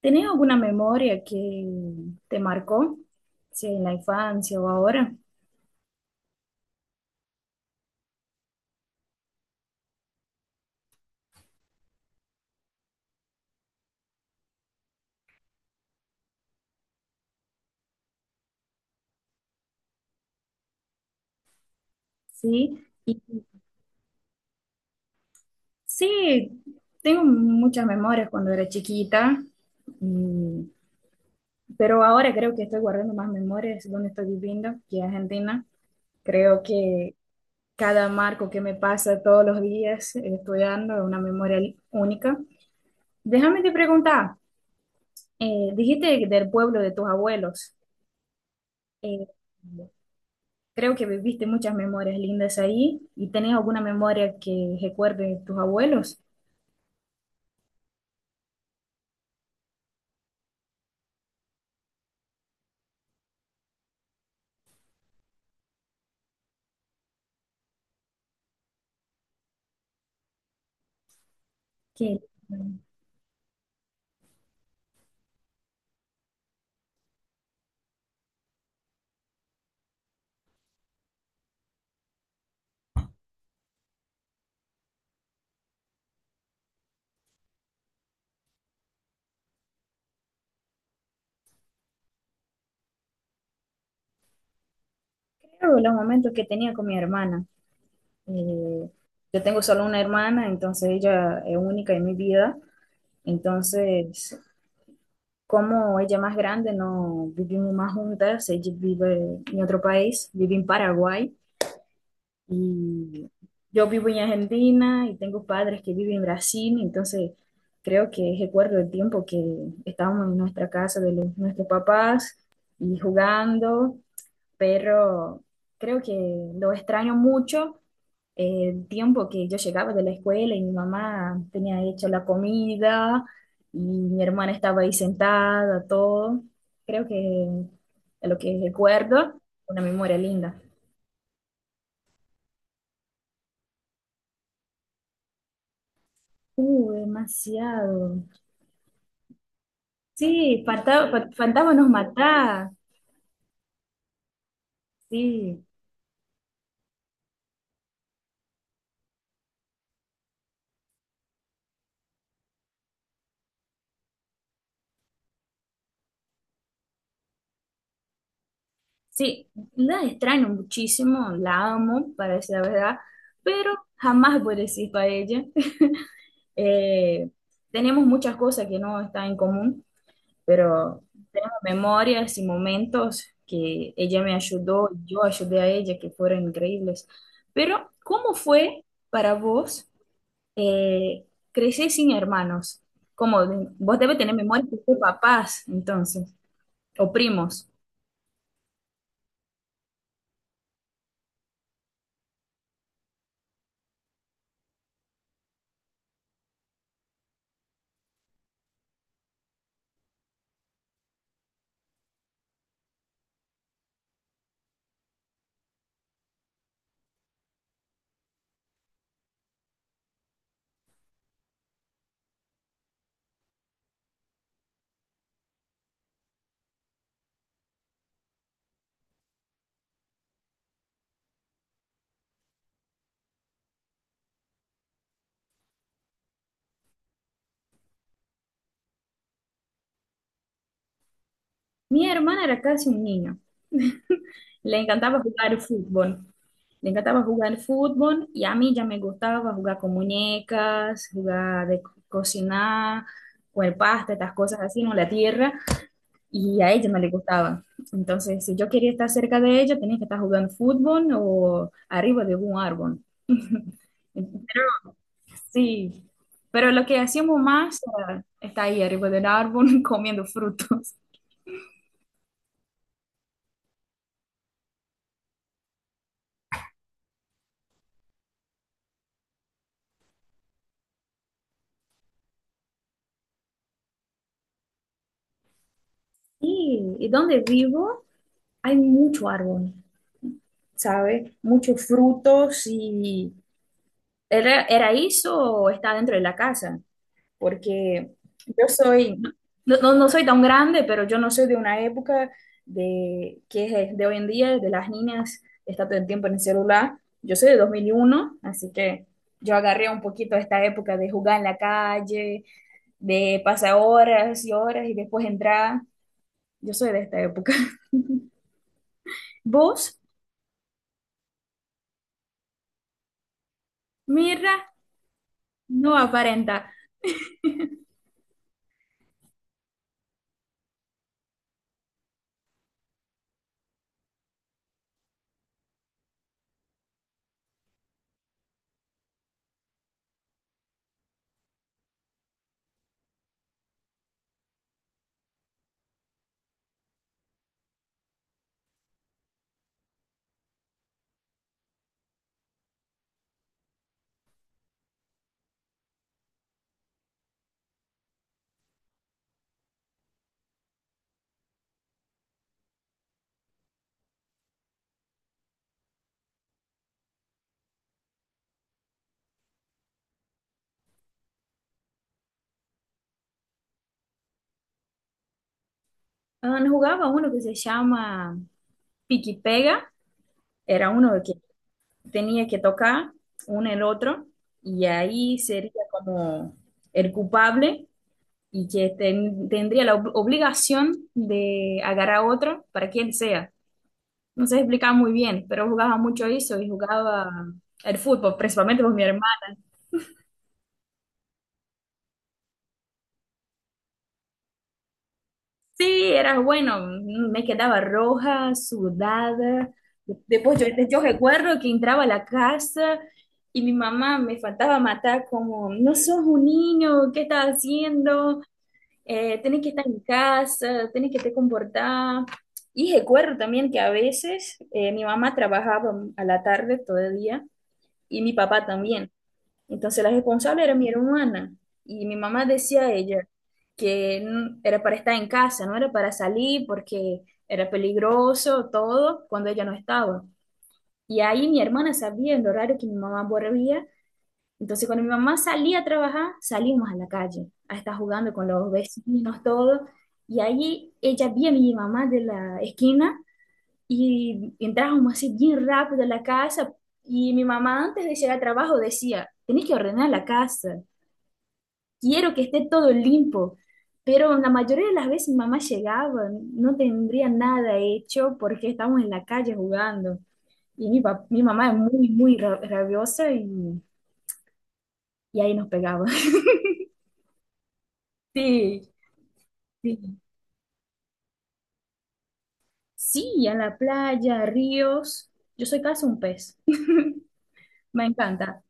¿Tenés alguna memoria que te marcó, sea en la infancia o ahora? Sí, sí, tengo muchas memorias cuando era chiquita, y- pero ahora creo que estoy guardando más memorias donde estoy viviendo, que es Argentina. Creo que cada marco que me pasa todos los días estudiando es una memoria única. Déjame te preguntar, dijiste del pueblo de tus abuelos. eh, Creo que viviste muchas memorias lindas ahí y tenés alguna memoria que recuerde tus abuelos. Que creo los momentos que tenía con mi hermana. Eh, yo tengo solo una hermana, entonces ella es única en mi vida. Entonces, como ella es más grande, no vivimos más juntas. Ella vive en otro país, vive en Paraguay. Y yo vivo en Argentina y tengo padres que viven en Brasil, entonces creo que recuerdo el tiempo que estábamos en nuestra casa de nuestros papás y jugando, pero creo que lo extraño mucho, el tiempo que yo llegaba de la escuela y mi mamá tenía hecho la comida y mi hermana estaba ahí sentada, todo. Creo que es lo que recuerdo, una memoria linda. Demasiado. Sí, Fantasma nos mata. Sí, sí, la extraño muchísimo, la amo, para decir la verdad, pero jamás voy a decir para ella. Eh, tenemos muchas cosas que no están en común, pero tenemos memorias y momentos que ella me ayudó, yo ayudé a ella, que fueron increíbles. Pero, ¿cómo fue para vos eh, crecer sin hermanos? Como vos debes tener memorias de tus papás, entonces. O primos. Mi hermana era casi un niño. Le encantaba jugar fútbol. Le encantaba jugar fútbol y a mí ya me gustaba jugar con muñecas, jugar de cocinar, comer pasta, estas cosas así, no la tierra. Y a ella no le gustaba. Entonces, si yo quería estar cerca de ella, tenía que estar jugando fútbol o arriba de algún árbol. Sí. Pero lo que hacíamos más era estar ahí arriba del árbol comiendo frutos. Sí, ¿y dónde vivo? Hay mucho árbol, ¿sabes? Muchos frutos y ¿era, era eso o está dentro de la casa? Porque yo soy, no, no, no soy tan grande, pero yo no soy de una época de que es de hoy en día, de las niñas, está todo el tiempo en el celular. Yo soy de 2001, así que yo agarré un poquito esta época de jugar en la calle, de pasar horas y horas y después entrar. Yo soy de esta época. ¿Vos? Mira, no aparenta. Ah, no jugaba uno que se llama Pique Pega, era uno que tenía que tocar uno el otro y ahí sería como el culpable y que tendría la obligación de agarrar a otro para quien sea. No sé explicar muy bien, pero jugaba mucho eso y jugaba el fútbol, principalmente con mi hermano. Sí, era bueno, me quedaba roja, sudada. Después yo, yo recuerdo que entraba a la casa y mi mamá me faltaba matar como, no sos un niño, ¿qué estás haciendo? Tenés que estar en casa, tenés que te comportar. Y recuerdo también que a veces, mi mamá trabajaba a la tarde todo el día y mi papá también. Entonces la responsable era mi hermana y mi mamá decía a ella que era para estar en casa, no era para salir porque era peligroso todo cuando ella no estaba. Y ahí mi hermana sabía el horario que mi mamá volvía, entonces cuando mi mamá salía a trabajar, salíamos a la calle a estar jugando con los vecinos, todo. Y ahí ella vio a mi mamá de la esquina y entrábamos así bien rápido a la casa, y mi mamá antes de llegar al trabajo decía, tenés que ordenar la casa, quiero que esté todo limpo. Pero la mayoría de las veces mamá llegaba, no tendría nada hecho porque estábamos en la calle jugando. Y mi mamá es muy, muy rabiosa, y ahí nos pegaba. Sí, sí. Sí, a la playa, a ríos. Yo soy casi un pez. Me encanta.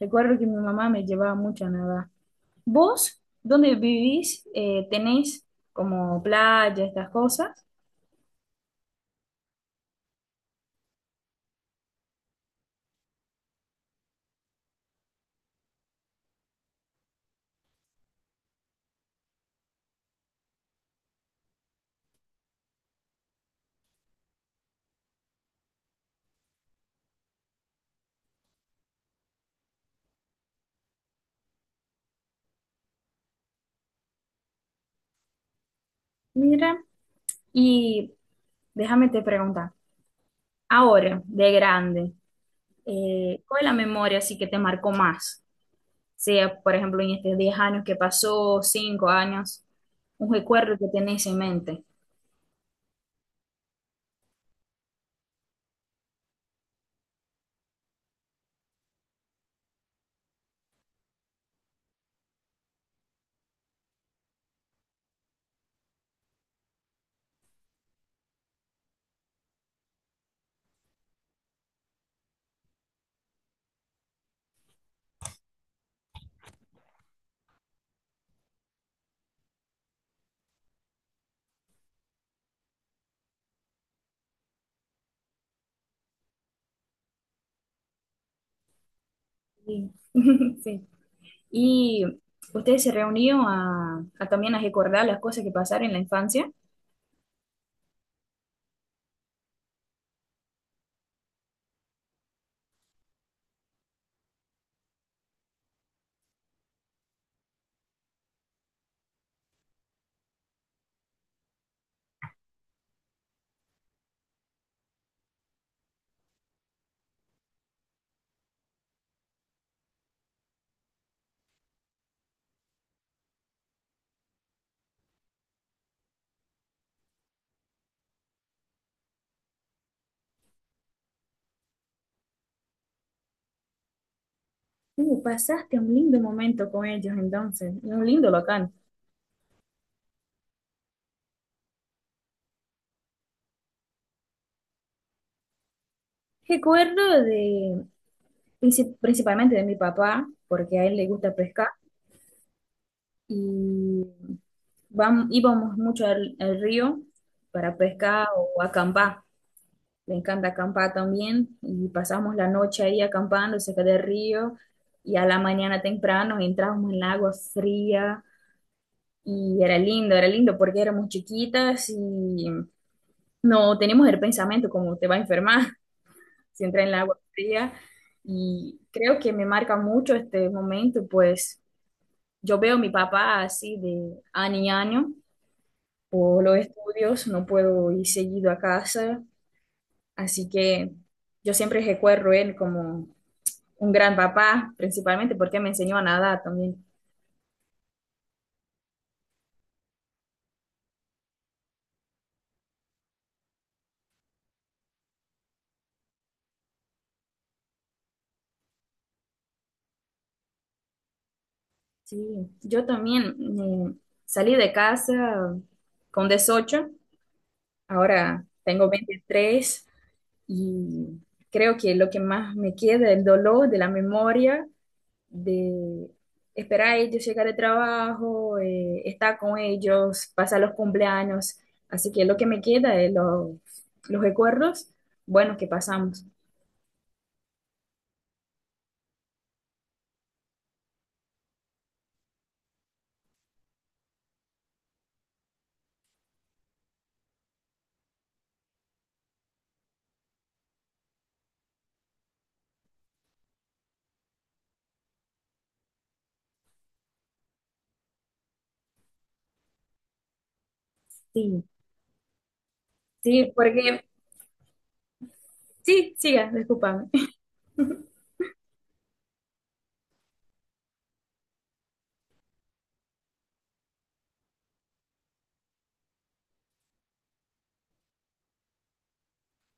Recuerdo que mi mamá me llevaba mucho a nadar. ¿Vos, dónde vivís? ¿Tenés como playa, estas cosas? Mira. Y déjame te preguntar, ahora, de grande, ¿cuál es la memoria así que te marcó más? Sea, por ejemplo, en estos 10 años que pasó, 5 años, un recuerdo que tenés en mente. Sí. Sí. Y ustedes se reunieron a, también a recordar las cosas que pasaron en la infancia. Pasaste un lindo momento con ellos entonces, un lindo local. Recuerdo de, principalmente de mi papá, porque a él le gusta pescar, y íbamos mucho al, al río para pescar o acampar. Le encanta acampar también y pasamos la noche ahí acampando cerca del río, y a la mañana temprano entrábamos en el agua fría y era lindo porque éramos chiquitas y no teníamos el pensamiento como te va a enfermar si entras en el agua fría, y creo que me marca mucho este momento, pues yo veo a mi papá así de año a año. Por los estudios, no puedo ir seguido a casa, así que yo siempre recuerdo él como un gran papá, principalmente porque me enseñó a nadar también. Sí, yo también, eh, salí de casa con 18, ahora tengo 23, y creo que lo que más me queda es el dolor de la memoria de esperar a ellos llegar al trabajo, estar con ellos, pasar los cumpleaños. Así que lo que me queda es los recuerdos buenos que pasamos. Sí, sí, porque sí, siga, discúlpame.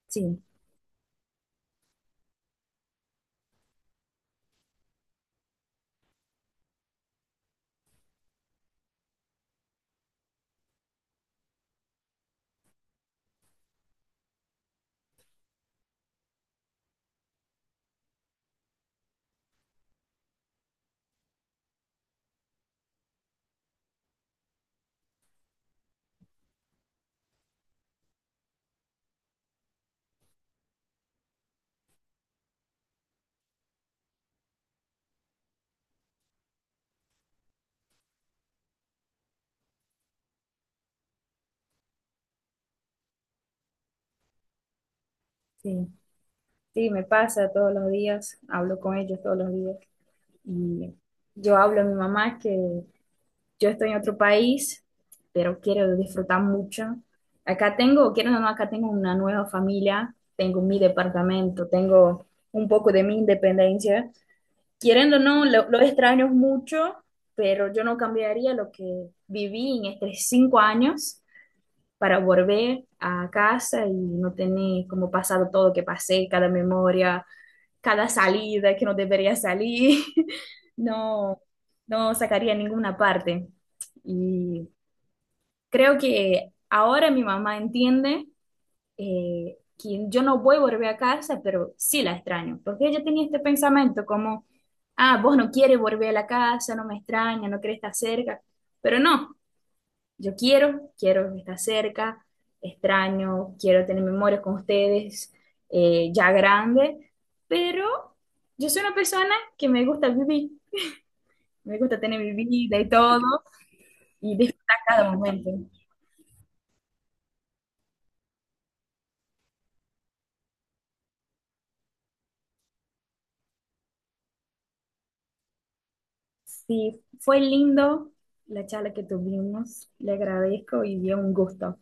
Sí, sí, sí, me pasa todos los días, hablo con ellos todos los días. Y yo hablo a mi mamá que yo estoy en otro país, pero quiero disfrutar mucho. Acá tengo, quiero o no, acá tengo una nueva familia, tengo mi departamento, tengo un poco de mi independencia. Queriendo o no, lo extraño mucho, pero yo no cambiaría lo que viví en estos 5 años para volver a casa y no tener como pasado todo lo que pasé, cada memoria, cada salida que no debería salir. No, no sacaría ninguna parte. Y creo que ahora mi mamá entiende, que yo no voy a volver a casa, pero sí la extraño, porque ella tenía este pensamiento como, ah, vos no quieres volver a la casa, no me extraña, no querés estar cerca, pero no. Yo quiero, quiero estar cerca, extraño, quiero tener memorias con ustedes, ya grande, pero yo soy una persona que me gusta vivir, me gusta tener mi vida y todo, y disfrutar cada momento. Sí, fue lindo la charla que tuvimos, le agradezco y dio un gusto.